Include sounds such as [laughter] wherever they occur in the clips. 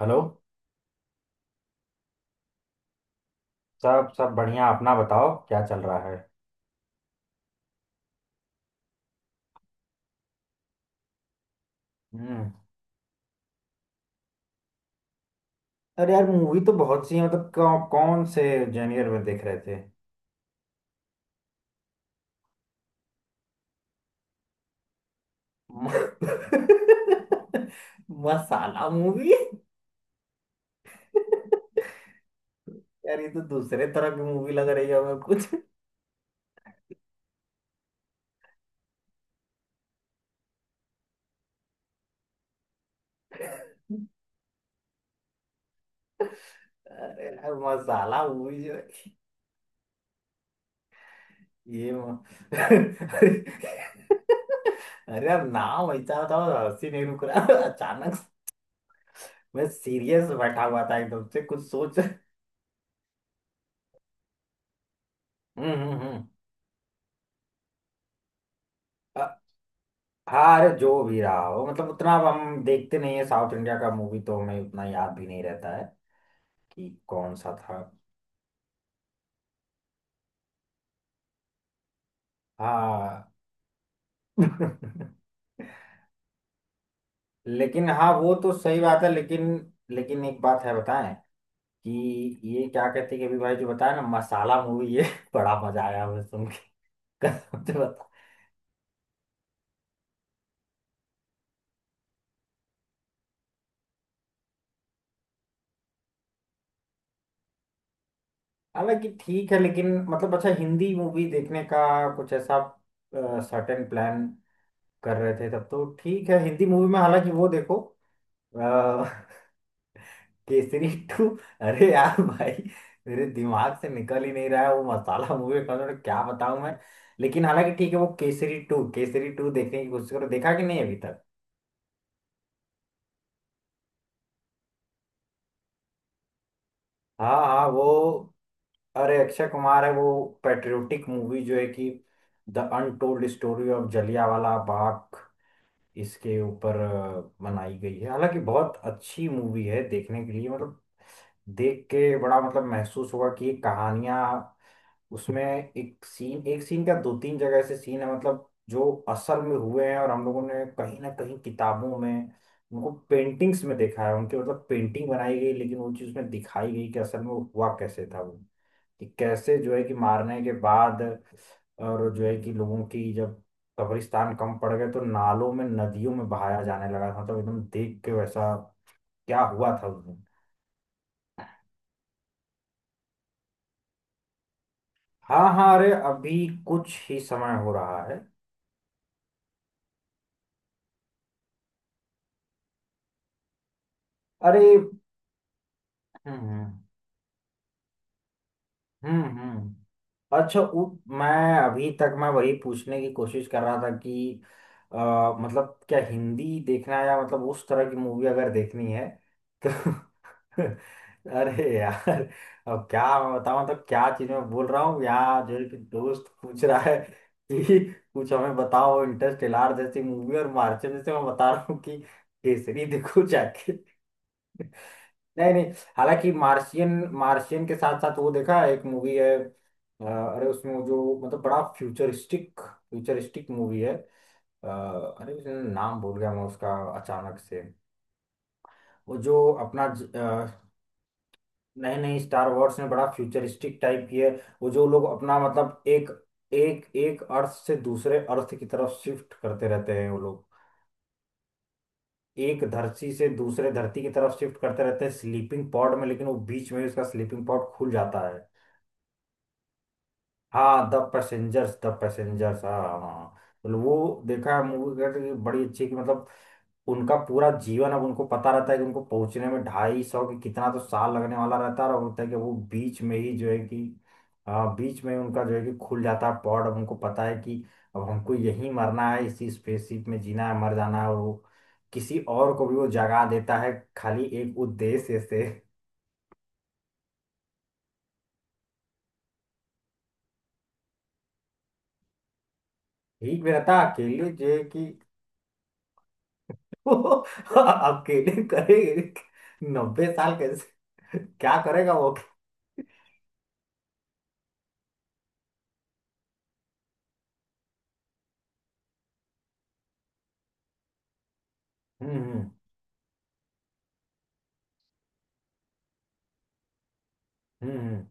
Hello. सब सब बढ़िया। अपना बताओ क्या चल रहा है। हम्म। अरे यार, मूवी तो बहुत सी है, मतलब कौन से जेनियर में देख रहे थे। [laughs] मसाला मूवी। यार, ये तो दूसरे तरह की मूवी लग रही है हमें कुछ। अरे यार, मसाला मूवी जो है, ये म... [laughs] अरे। अरे यार, नाम ऐसा बताओ, हंसी नहीं रुक रहा [laughs] अचानक से। मैं सीरियस बैठा हुआ था एकदम से कुछ सोच। हम्म। हम्म। हम्म। हाँ, अरे, जो भी रहा हो, मतलब उतना अब हम देखते नहीं है साउथ इंडिया का मूवी, तो हमें उतना याद भी नहीं रहता है कि कौन सा था। हाँ। [laughs] लेकिन हाँ, वो तो सही बात है। लेकिन लेकिन एक बात है बताएं, कि ये क्या कहते हैं कि अभी भाई जो बताया ना मसाला मूवी, ये [laughs] बड़ा मजा आया हमें सुन के। [laughs] कसम से बता। हालांकि ठीक है, लेकिन मतलब अच्छा हिंदी मूवी देखने का कुछ ऐसा सर्टेन प्लान कर रहे थे तब तो ठीक है। हिंदी मूवी में हालांकि वो देखो, केसरी टू। अरे यार भाई, मेरे दिमाग से निकल ही नहीं रहा है वो मसाला मूवी का, तो क्या बताऊं मैं। लेकिन हालांकि ठीक है, वो केसरी टू, केसरी टू देखने की कोशिश करो, देखा कि नहीं अभी तक। हाँ हाँ, वो। अरे, अक्षय कुमार है वो। पेट्रियोटिक मूवी जो है कि the untold story of Jallianwala Bagh, इसके ऊपर बनाई गई है। हालांकि बहुत अच्छी मूवी है देखने के लिए, मतलब देख के बड़ा मतलब महसूस हुआ कि कहानियां, उसमें एक सीन, एक सीन का दो तीन जगह ऐसे सीन है, मतलब जो असल में हुए हैं, और हम लोगों ने कहीं ना कहीं किताबों में उनको पेंटिंग्स में देखा है, उनके मतलब पेंटिंग बनाई गई, लेकिन वो चीज़ में दिखाई गई कि असल में वो हुआ कैसे था वो, कि कैसे जो है कि मारने के बाद, और जो है कि लोगों की जब कब्रिस्तान कम पड़ गए तो नालों में नदियों में बहाया जाने लगा था, मतलब एकदम देख के वैसा क्या हुआ था उस दिन। हाँ हाँ, अरे अभी कुछ ही समय हो रहा है। अरे। हम्म। हम्म। हम्म। अच्छा, मैं अभी तक, मैं वही पूछने की कोशिश कर रहा था कि मतलब क्या हिंदी देखना है, या मतलब उस तरह की मूवी अगर देखनी है तो, [laughs] अरे यार अब क्या मैं बताऊं, मतलब क्या चीज मैं बोल रहा हूँ यहाँ, जो है कि दोस्त पूछ रहा है कि कुछ हमें बताओ इंटरस्टेलर जैसी मूवी, और मार्शल जैसे, मैं बता रहा हूँ कि केसरी देखो जाके। नहीं नहीं, हालांकि मार्शियन, मार्शियन के साथ साथ वो देखा है, एक मूवी है। अरे उसमें वो, जो मतलब बड़ा फ्यूचरिस्टिक फ्यूचरिस्टिक मूवी है। अ, अरे उसमें नाम भूल गया मैं उसका अचानक से, वो जो अपना नहीं नहीं, स्टार वॉर्स में बड़ा फ्यूचरिस्टिक टाइप की है। वो जो लोग अपना, मतलब एक, एक एक अर्थ से दूसरे अर्थ की तरफ शिफ्ट करते रहते हैं वो लोग, एक धरती से दूसरे धरती की तरफ शिफ्ट करते रहते हैं स्लीपिंग पॉड में, लेकिन वो बीच में ही उसका स्लीपिंग पॉड खुल जाता है। हाँ, द पैसेंजर्स, द पैसेंजर्स। हाँ हाँ, मतलब वो देखा है मूवी करके कि बड़ी अच्छी, कि मतलब उनका पूरा जीवन अब उनको पता रहता है कि उनको पहुंचने में 250, कि कितना तो साल लगने वाला रहता है, और होता है कि वो बीच में ही जो है कि, हाँ बीच में उनका जो है कि खुल जाता है पॉड, अब उनको पता है कि अब हमको यहीं मरना है, इसी स्पेसशिप में जीना है, मर जाना है, और वो किसी और को भी वो जगा देता है खाली एक उद्देश्य से। [laughs] ठीक में रहता है, अकेले जो है कि, [laughs] अब केटिंग करेगी 90 साल कैसे, क्या करेगा वो। हम्म। हम्म। हम्म। हम्म।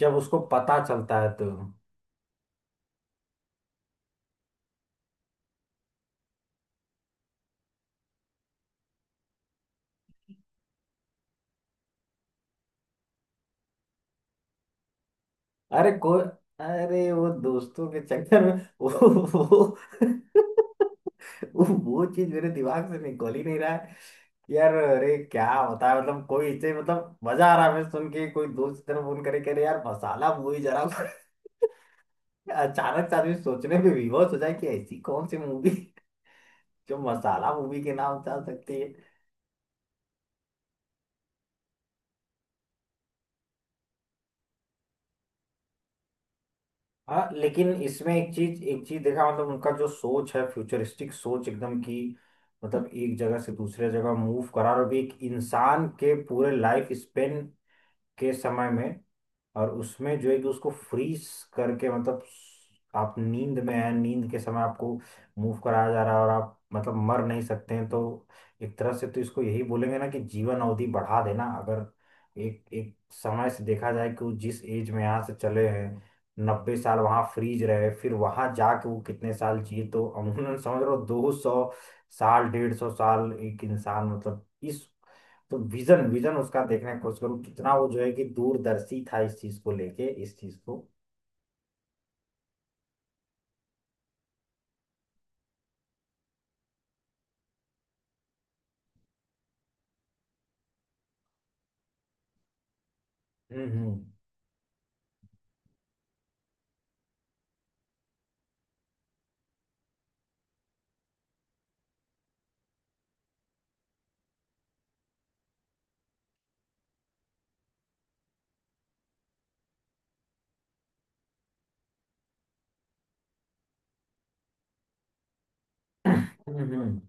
जब उसको पता चलता है तो, अरे को, अरे वो दोस्तों के चक्कर में वो वो वो चीज मेरे दिमाग से निकल ही नहीं रहा है। यार, अरे क्या होता है, मतलब कोई इसे, मतलब मजा आ रहा है हमें सुन के, कोई दोस्त की तरफ फोन करे करे यार मसाला मूवी जरा, [laughs] अचानक से आदमी सोचने पे विवश हो जाए कि ऐसी कौन सी मूवी जो मसाला मूवी के नाम चल सकती है। हाँ, लेकिन इसमें एक चीज, एक चीज देखा, मतलब उनका जो सोच है, फ्यूचरिस्टिक सोच एकदम की, मतलब एक जगह से दूसरे जगह मूव करा, और भी एक इंसान के पूरे लाइफ स्पेन के समय में, और उसमें जो है कि उसको फ्रीज करके, मतलब आप नींद में हैं, नींद के समय आपको मूव कराया जा रहा है, और आप मतलब मर नहीं सकते हैं। तो एक तरह से तो इसको यही बोलेंगे ना कि जीवन अवधि बढ़ा देना, अगर एक एक समय से देखा जाए कि वो जिस एज में यहाँ से चले हैं, 90 साल वहाँ फ्रीज रहे, फिर वहाँ जाके वो कितने साल जिए, तो अमूमन समझ लो 200 साल, 150 साल एक इंसान, मतलब इस, तो विजन, विजन उसका देखने की कोशिश करूँ कितना वो जो है कि दूरदर्शी था इस चीज को लेके, इस चीज को। हम्म। हम्म। हम्म।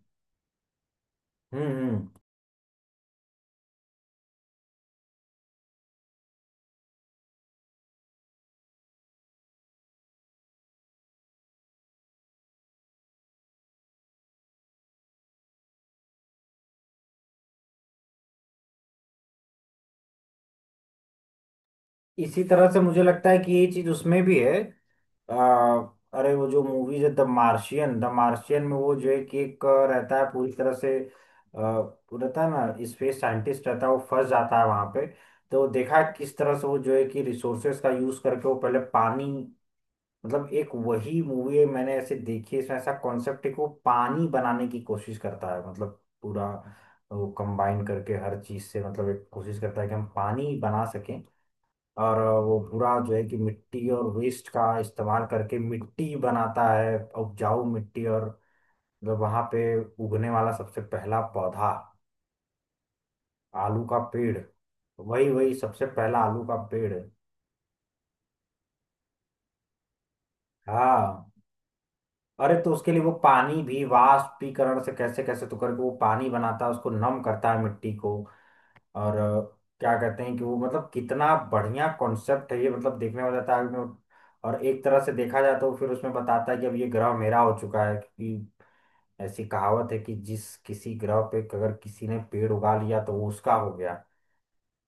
हम्म। हम्म। इसी तरह से मुझे लगता है कि ये चीज उसमें भी है। आ, अरे वो जो मूवीज है, द मार्शियन, द मार्शियन में वो जो है कि एक रहता है पूरी तरह से। वो रहता है ना स्पेस साइंटिस्ट, रहता है वो, फंस जाता है वहां पे। तो देखा किस तरह से वो जो है कि रिसोर्सेज का यूज करके वो पहले पानी, मतलब एक वही मूवी है मैंने ऐसे देखी है इसमें ऐसा कॉन्सेप्ट को पानी बनाने की कोशिश करता है, मतलब पूरा वो कंबाइन करके हर चीज से, मतलब एक कोशिश करता है कि हम पानी बना सकें, और वो पूरा जो है कि मिट्टी और वेस्ट का इस्तेमाल करके मिट्टी बनाता है, उपजाऊ मिट्टी, और मतलब वहां पे उगने वाला सबसे पहला पौधा, आलू का पेड़, वही वही सबसे पहला आलू का पेड़। हाँ। अरे, तो उसके लिए वो पानी भी वाष्पीकरण से कैसे कैसे तो करके वो पानी बनाता है, उसको नम करता है मिट्टी को, और क्या कहते हैं कि वो मतलब कितना बढ़िया कॉन्सेप्ट है ये, मतलब देखने में जाता है और एक तरह से देखा जाए तो फिर उसमें बताता है कि अब ये ग्रह मेरा हो चुका है, क्योंकि ऐसी कहावत है कि जिस किसी ग्रह पे अगर किसी ने पेड़ उगा लिया तो वो उसका हो गया।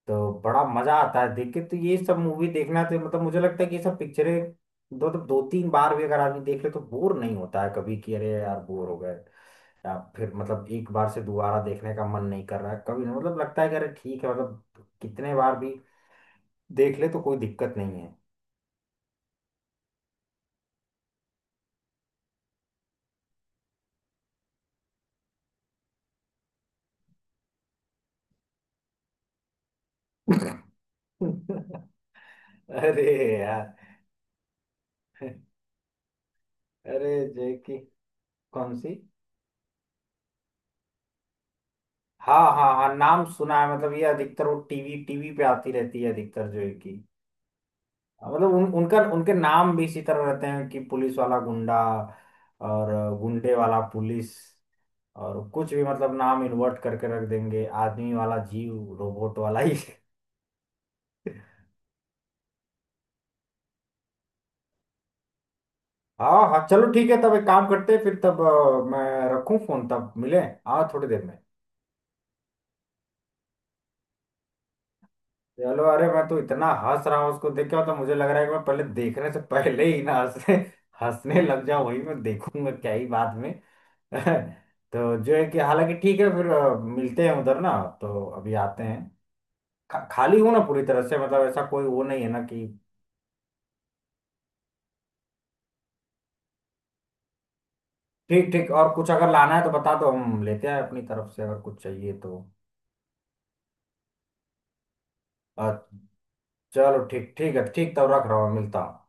तो बड़ा मजा आता है देख के, तो ये सब मूवी देखना, तो मतलब मुझे लगता है कि ये सब पिक्चरें दो तीन बार भी अगर आदमी देख ले तो बोर नहीं होता है कभी कि अरे यार बोर हो गए, या फिर मतलब एक बार से दोबारा देखने का मन नहीं कर रहा है कभी नहीं, मतलब लगता है कि अरे ठीक है, मतलब कितने बार भी देख ले तो कोई दिक्कत नहीं है। [laughs] अरे यार। अरे जय की, कौन सी। हाँ हाँ हाँ, नाम सुना है, मतलब ये अधिकतर वो टीवी टीवी पे आती रहती है अधिकतर जो है कि, मतलब उन उनका उनके नाम भी इसी तरह रहते हैं कि पुलिस वाला गुंडा, और गुंडे वाला पुलिस, और कुछ भी मतलब नाम इन्वर्ट करके रख देंगे, आदमी वाला जीव, रोबोट वाला ही। [laughs] हाँ हाँ, चलो ठीक है, तब एक काम करते हैं, फिर तब मैं रखूँ फोन, तब मिले, हाँ थोड़ी देर में। चलो, अरे मैं तो इतना हंस रहा हूँ उसको देख के तो मुझे लग रहा है कि मैं पहले, देखने से पहले ही ना हंसने, [laughs] हंसने लग जाऊं, वही मैं देखूंगा क्या ही बाद में। [laughs] तो जो है कि हालांकि ठीक है, फिर मिलते हैं उधर ना, तो अभी आते हैं। खाली हूँ ना पूरी तरह से, मतलब ऐसा कोई वो नहीं है ना कि, ठीक ठीक, और कुछ अगर लाना है तो बता दो, हम लेते हैं अपनी तरफ से अगर कुछ चाहिए तो। अ, चलो ठीक ठीक है, ठीक, तो रख रहा हूँ, मिलता हूँ।